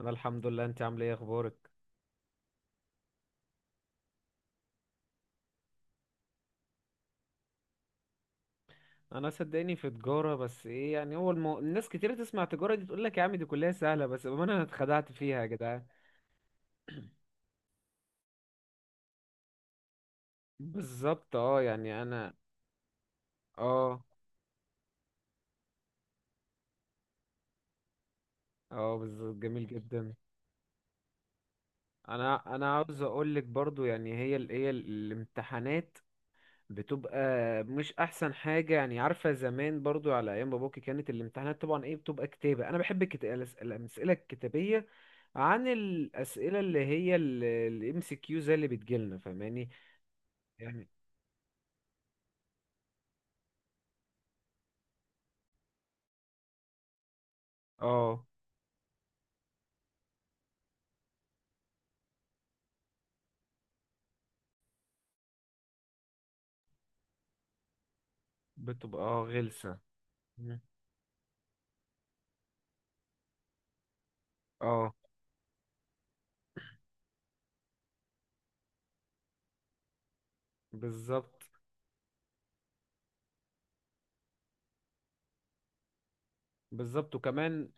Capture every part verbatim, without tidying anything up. انا الحمد لله، انت عامل ايه؟ اخبارك؟ انا صدقني في تجاره بس ايه يعني هو المو... الناس كتير تسمع تجاره دي تقول لك يا عم دي كلها سهله، بس بأمانة انا اتخدعت فيها يا جدعان. بالظبط، اه، يعني انا. اه اه بالظبط، جميل جدا. انا انا عاوز اقول لك برضو، يعني هي ال... هي ال- الامتحانات بتبقى مش احسن حاجه. يعني عارفه زمان برضو على ايام باباكي كانت الامتحانات طبعا ايه، بتبقى كتابه. انا بحب الكت... الأس- الامثله الكتابيه عن الأسئلة اللي هي الام سي كيو زي اللي بتجيلنا، فاهماني؟ يعني اه، بتبقى اه غلسة. مم. اه، بالظبط. بالظبط وكمان،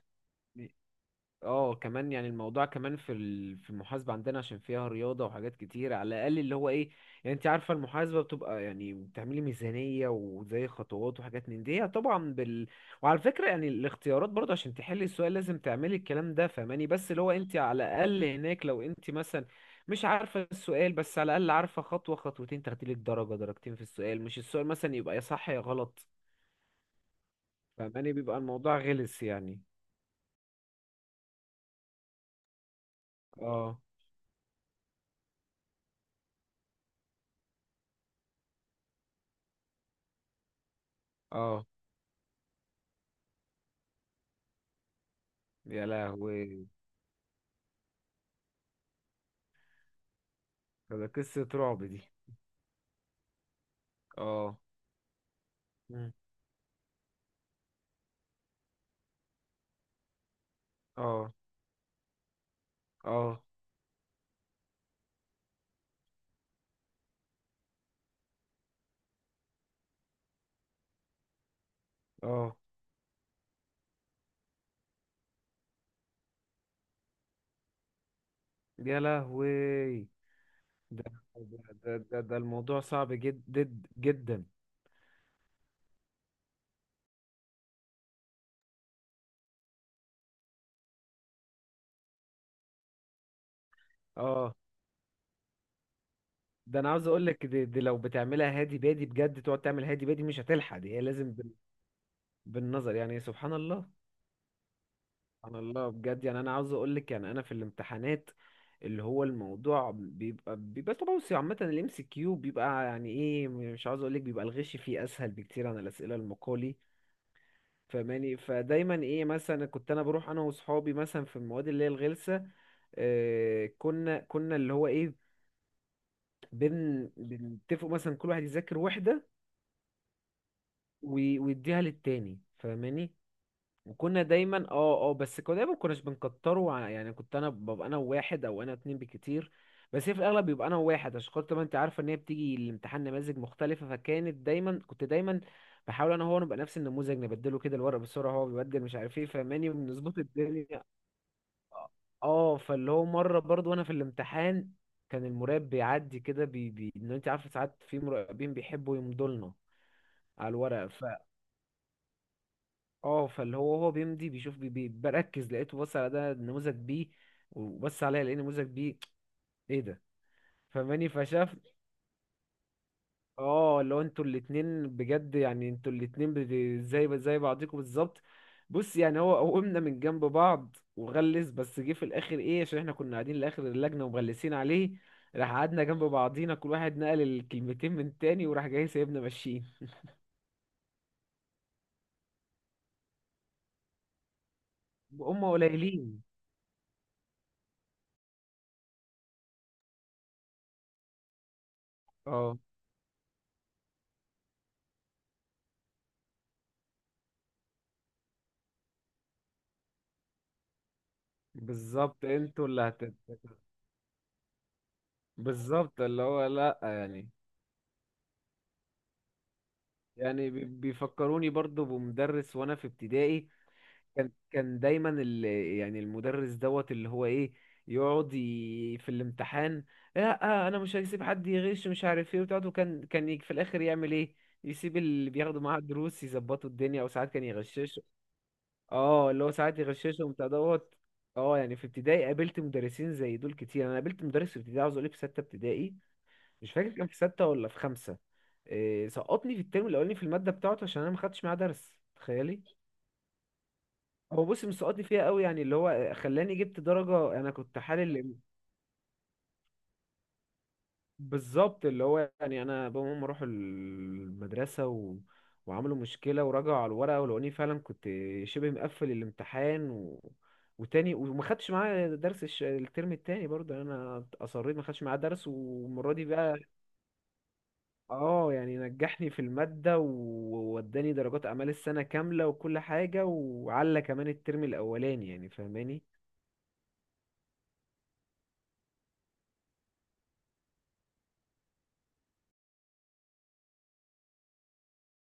اه كمان يعني الموضوع كمان في ال- في المحاسبة عندنا، عشان فيها رياضة وحاجات كتير. على الأقل اللي هو ايه، يعني انت عارفة المحاسبة بتبقى يعني بتعملي ميزانية وزي خطوات وحاجات من دي، هي طبعا بال. وعلى فكرة يعني الاختيارات برضه عشان تحلي السؤال لازم تعملي الكلام ده، فاهماني؟ بس اللي هو انت على الأقل هناك، لو انت مثلا مش عارفة السؤال، بس على الأقل عارفة خطوة خطوتين تاخديلك درجة درجتين في السؤال. مش السؤال مثلا يبقى يا صح يا غلط، فاهماني؟ بيبقى الموضوع غلس يعني. اه. اه، يا لهوي، ده قصة رعب دي. اه. مم. اه. اه. اه، يا لهوي. ده ده ده, ده, ده الموضوع صعب جدا، جدا. اه، ده انا عاوز اقول لك دي, دي لو بتعملها هادي بادي بجد، تقعد تعمل هادي بادي مش هتلحق. دي هي لازم بال- بالنظر، يعني سبحان الله. سبحان الله بجد. يعني انا عاوز اقول لك، يعني انا في الامتحانات اللي هو الموضوع بيبقى بيبقى توسع. عامة الام سي كيو بيبقى يعني ايه، مش عاوز اقول لك بيبقى الغش فيه اسهل بكتير عن الاسئلة المقالي. فماني، فدايما ايه، مثلا كنت انا بروح انا واصحابي مثلا في المواد اللي هي الغلسه، آه كنا كنا اللي هو ايه، بن بنتفقوا مثلا كل واحد يذاكر وحده وي- ويديها للتاني، فاهماني؟ وكنا دايما اه اه بس كنا دايما كناش بنكتره ع- يعني كنت انا ببقى انا وواحد او انا اتنين بكتير. بس هي في الاغلب بيبقى انا وواحد، عشان خاطر ما انت عارفه ان هي بتيجي الامتحان نماذج مختلفه. فكانت دايما، كنت دايما بحاول انا هو نبقى نفس النموذج، نبدله كده الورق بسرعه، هو بيبدل مش عارف ايه، فاهماني؟ بنظبط الدنيا. اه فاللي هو مره برضو وانا في الامتحان، كان المراقب بيعدي كده بي بي ان انت عارف ساعات في مراقبين بيحبوا يمضوا لنا على الورق ف، اه فاللي هو هو بيمضي بيشوف، بي بي بركز، لقيته بص على ده نموذج بي، وبص عليا لقيت نموذج بي. ايه ده؟ فماني فشاف، اه لو انتوا الاتنين بجد يعني انتوا الاتنين بت- زي زي بعضكم بالظبط. بص يعني هو قومنا من جنب بعض وغلس، بس جه في الاخر ايه، عشان احنا كنا قاعدين لاخر اللجنه ومغلسين عليه، راح قعدنا جنب بعضينا كل واحد نقل الكلمتين من تاني، وراح جاي سايبنا ماشيين. هما قليلين. اه بالظبط، انتوا اللي هت. بالظبط اللي هو لا يعني، يعني بي- بيفكروني برضو بمدرس وانا في ابتدائي. كان كان دايما ال... يعني المدرس دوت اللي هو ايه، يقعد ي... في الامتحان، لا آه انا مش هسيب حد يغش مش عارف ايه وبتاعته، كان كان يجي في الاخر يعمل ايه، يسيب اللي بياخدوا معاه الدروس يظبطوا الدنيا، او ساعات كان يغششه. اه اللي هو ساعات يغششهم بتاع دوت. اه يعني في ابتدائي قابلت مدرسين زي دول كتير. انا قابلت مدرس في ابتدائي، عاوز اقول لك في سته ابتدائي، مش فاكر كان في سته ولا في خمسه، إيه سقطني في الترم الاولاني في الماده بتاعته، عشان انا ما خدتش معاه درس، تخيلي. هو بص مسقطني فيها قوي، يعني اللي هو خلاني جبت درجة انا كنت حالل. بالظبط، اللي هو يعني انا بابا وماما راحوا المدرسة و... وعملوا مشكلة ورجعوا على الورقة ولقوني فعلا كنت شبه مقفل الامتحان و... وتاني، وما خدتش معاه درس الش... الترم التاني برضه، يعني انا اصريت ما خدتش معاه درس، والمرة دي بقى اه، يعني نجحني في المادة، ووداني درجات اعمال السنة كاملة وكل حاجة، وعلى كمان الترم الاولاني، يعني فاهماني؟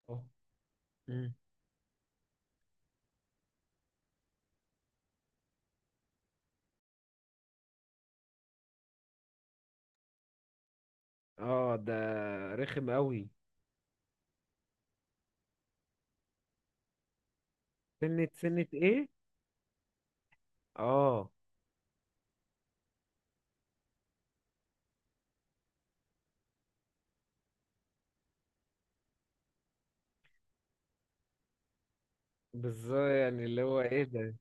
آه. مم. اه، ده رخم قوي. سنة سنة ايه؟ اه بالظبط يعني اللي هو ايه ده.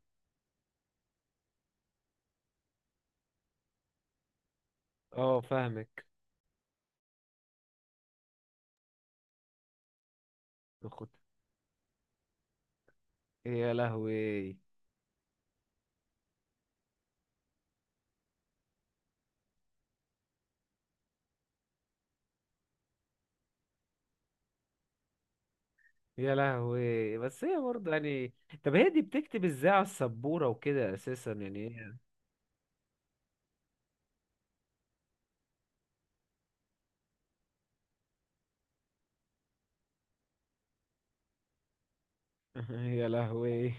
اه فاهمك. خد، يا لهوي. يا لهوي، بس هي برضه يعني، طب هي دي بتكتب ازاي على السبورة وكده اساسا يعني، هي يا لهوي.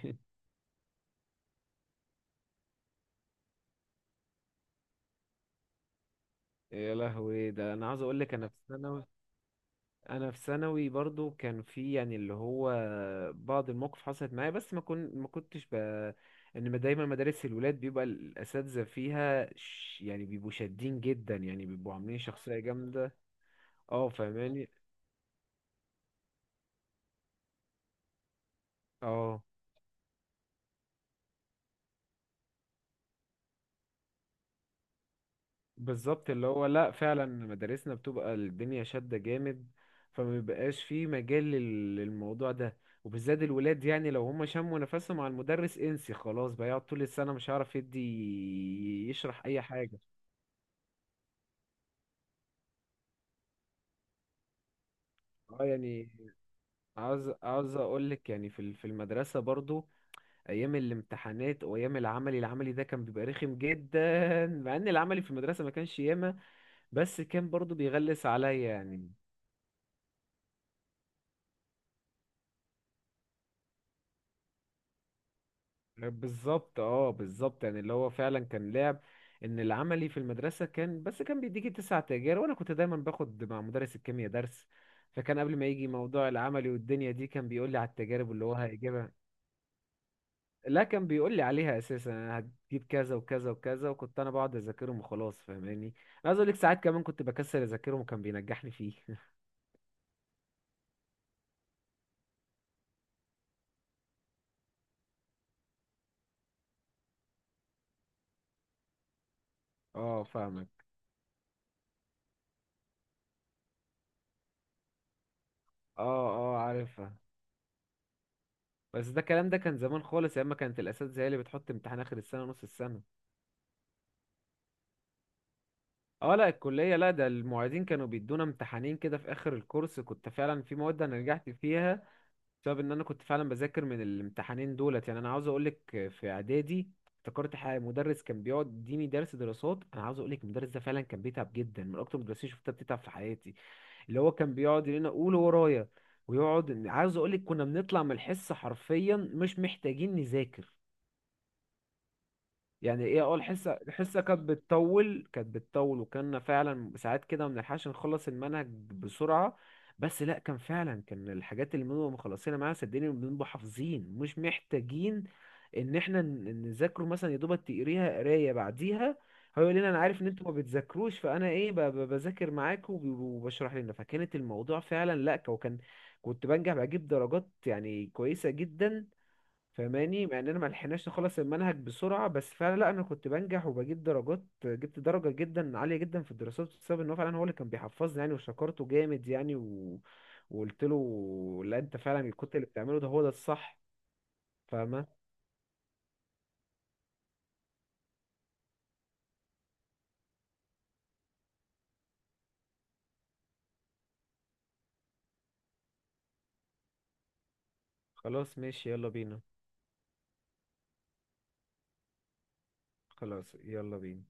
يا لهوي، ده انا عاوز اقول لك انا في ثانوي. انا في ثانوي برضو كان في يعني اللي هو بعض المواقف حصلت معايا، بس ما كنت ما كنتش ب... ان ما دايما مدارس الولاد بيبقى الاساتذه فيها ش... يعني بيبقوا شادين جدا، يعني بيبقوا عاملين شخصيه جامده. اه فاهماني. اه بالظبط، اللي هو لا فعلا مدارسنا بتبقى الدنيا شاده جامد، فما بيبقاش في مجال لل- للموضوع ده. وبالذات الولاد، يعني لو هم شموا نفسهم على المدرس انسي خلاص، بقى يقعد طول السنه مش هيعرف يدي يشرح اي حاجه. اه يعني عاوز عاوز اقول لك، يعني في ال- في المدرسه برضو ايام الامتحانات وايام العملي، العملي ده كان بيبقى رخم جدا، مع ان العملي في المدرسه ما كانش ياما، بس كان برضو بيغلس عليا يعني. بالظبط، اه بالظبط، يعني اللي هو فعلا كان لعب. ان العملي في المدرسه كان بس كان بيديكي تسع تجارب، وانا كنت دايما باخد مع مدرس الكيمياء درس، فكان قبل ما يجي موضوع العملي والدنيا دي كان بيقول لي على التجارب اللي هو هيجيبها. لا كان بيقول لي عليها اساسا، أنا هتجيب كذا وكذا وكذا، وكنت انا بقعد اذاكرهم وخلاص، فاهماني؟ انا عايز اقول لك ساعات كمان كنت بكسل اذاكرهم وكان بينجحني فيه اه فاهمك. اه اه عارفها. بس ده الكلام ده كان زمان خالص، ايام ما كانت الاساتذه هي اللي بتحط امتحان اخر السنه نص السنه. اه لا الكليه، لا ده المعيدين كانوا بيدونا امتحانين كده في اخر الكورس، كنت فعلا في مواد انا نجحت فيها بسبب ان انا كنت فعلا بذاكر من الامتحانين دولت. يعني انا عاوز اقولك في اعدادي افتكرت حاجه، مدرس كان بيقعد يديني درس دراسات. انا عاوز اقولك المدرس ده فعلا كان بيتعب جدا، من اكتر المدرسين شفتها بتتعب في حياتي. اللي هو كان بيقعد يقول لنا قول ورايا، ويقعد، عاوز اقولك كنا بنطلع من الحصه حرفيا مش محتاجين نذاكر. يعني ايه، اه الحصه، الحصه كانت بتطول، كانت بتطول، وكنا فعلا ساعات كده ما بنلحقش نخلص المنهج بسرعه، بس لا كان فعلا كان الحاجات اللي بنبقى مخلصينها معاها صدقني بنبقى حافظين، مش محتاجين ان احنا ن- نذاكره، مثلا يا دوبك تقريها قرايه بعديها. هو يقول لنا انا عارف ان انتوا ما بتذاكروش، فانا ايه ب- ب- بذاكر معاكم وب- وبشرح لنا، فكانت الموضوع فعلا لا. وكان كنت بنجح بجيب درجات يعني كويسه جدا. فاهماني، مع اننا ما لحقناش نخلص المنهج بسرعه، بس فعلا لا انا كنت بنجح وبجيب درجات، جبت درجه جدا عاليه جدا في الدراسات، بسبب ان هو فعلا هو اللي كان بيحفظني يعني، وشكرته جامد يعني و... وقلت له لا انت فعلا كنت اللي بتعمله ده هو ده الصح. فاهمه. خلاص ماشي، يلا بينا. خلاص يلا بينا.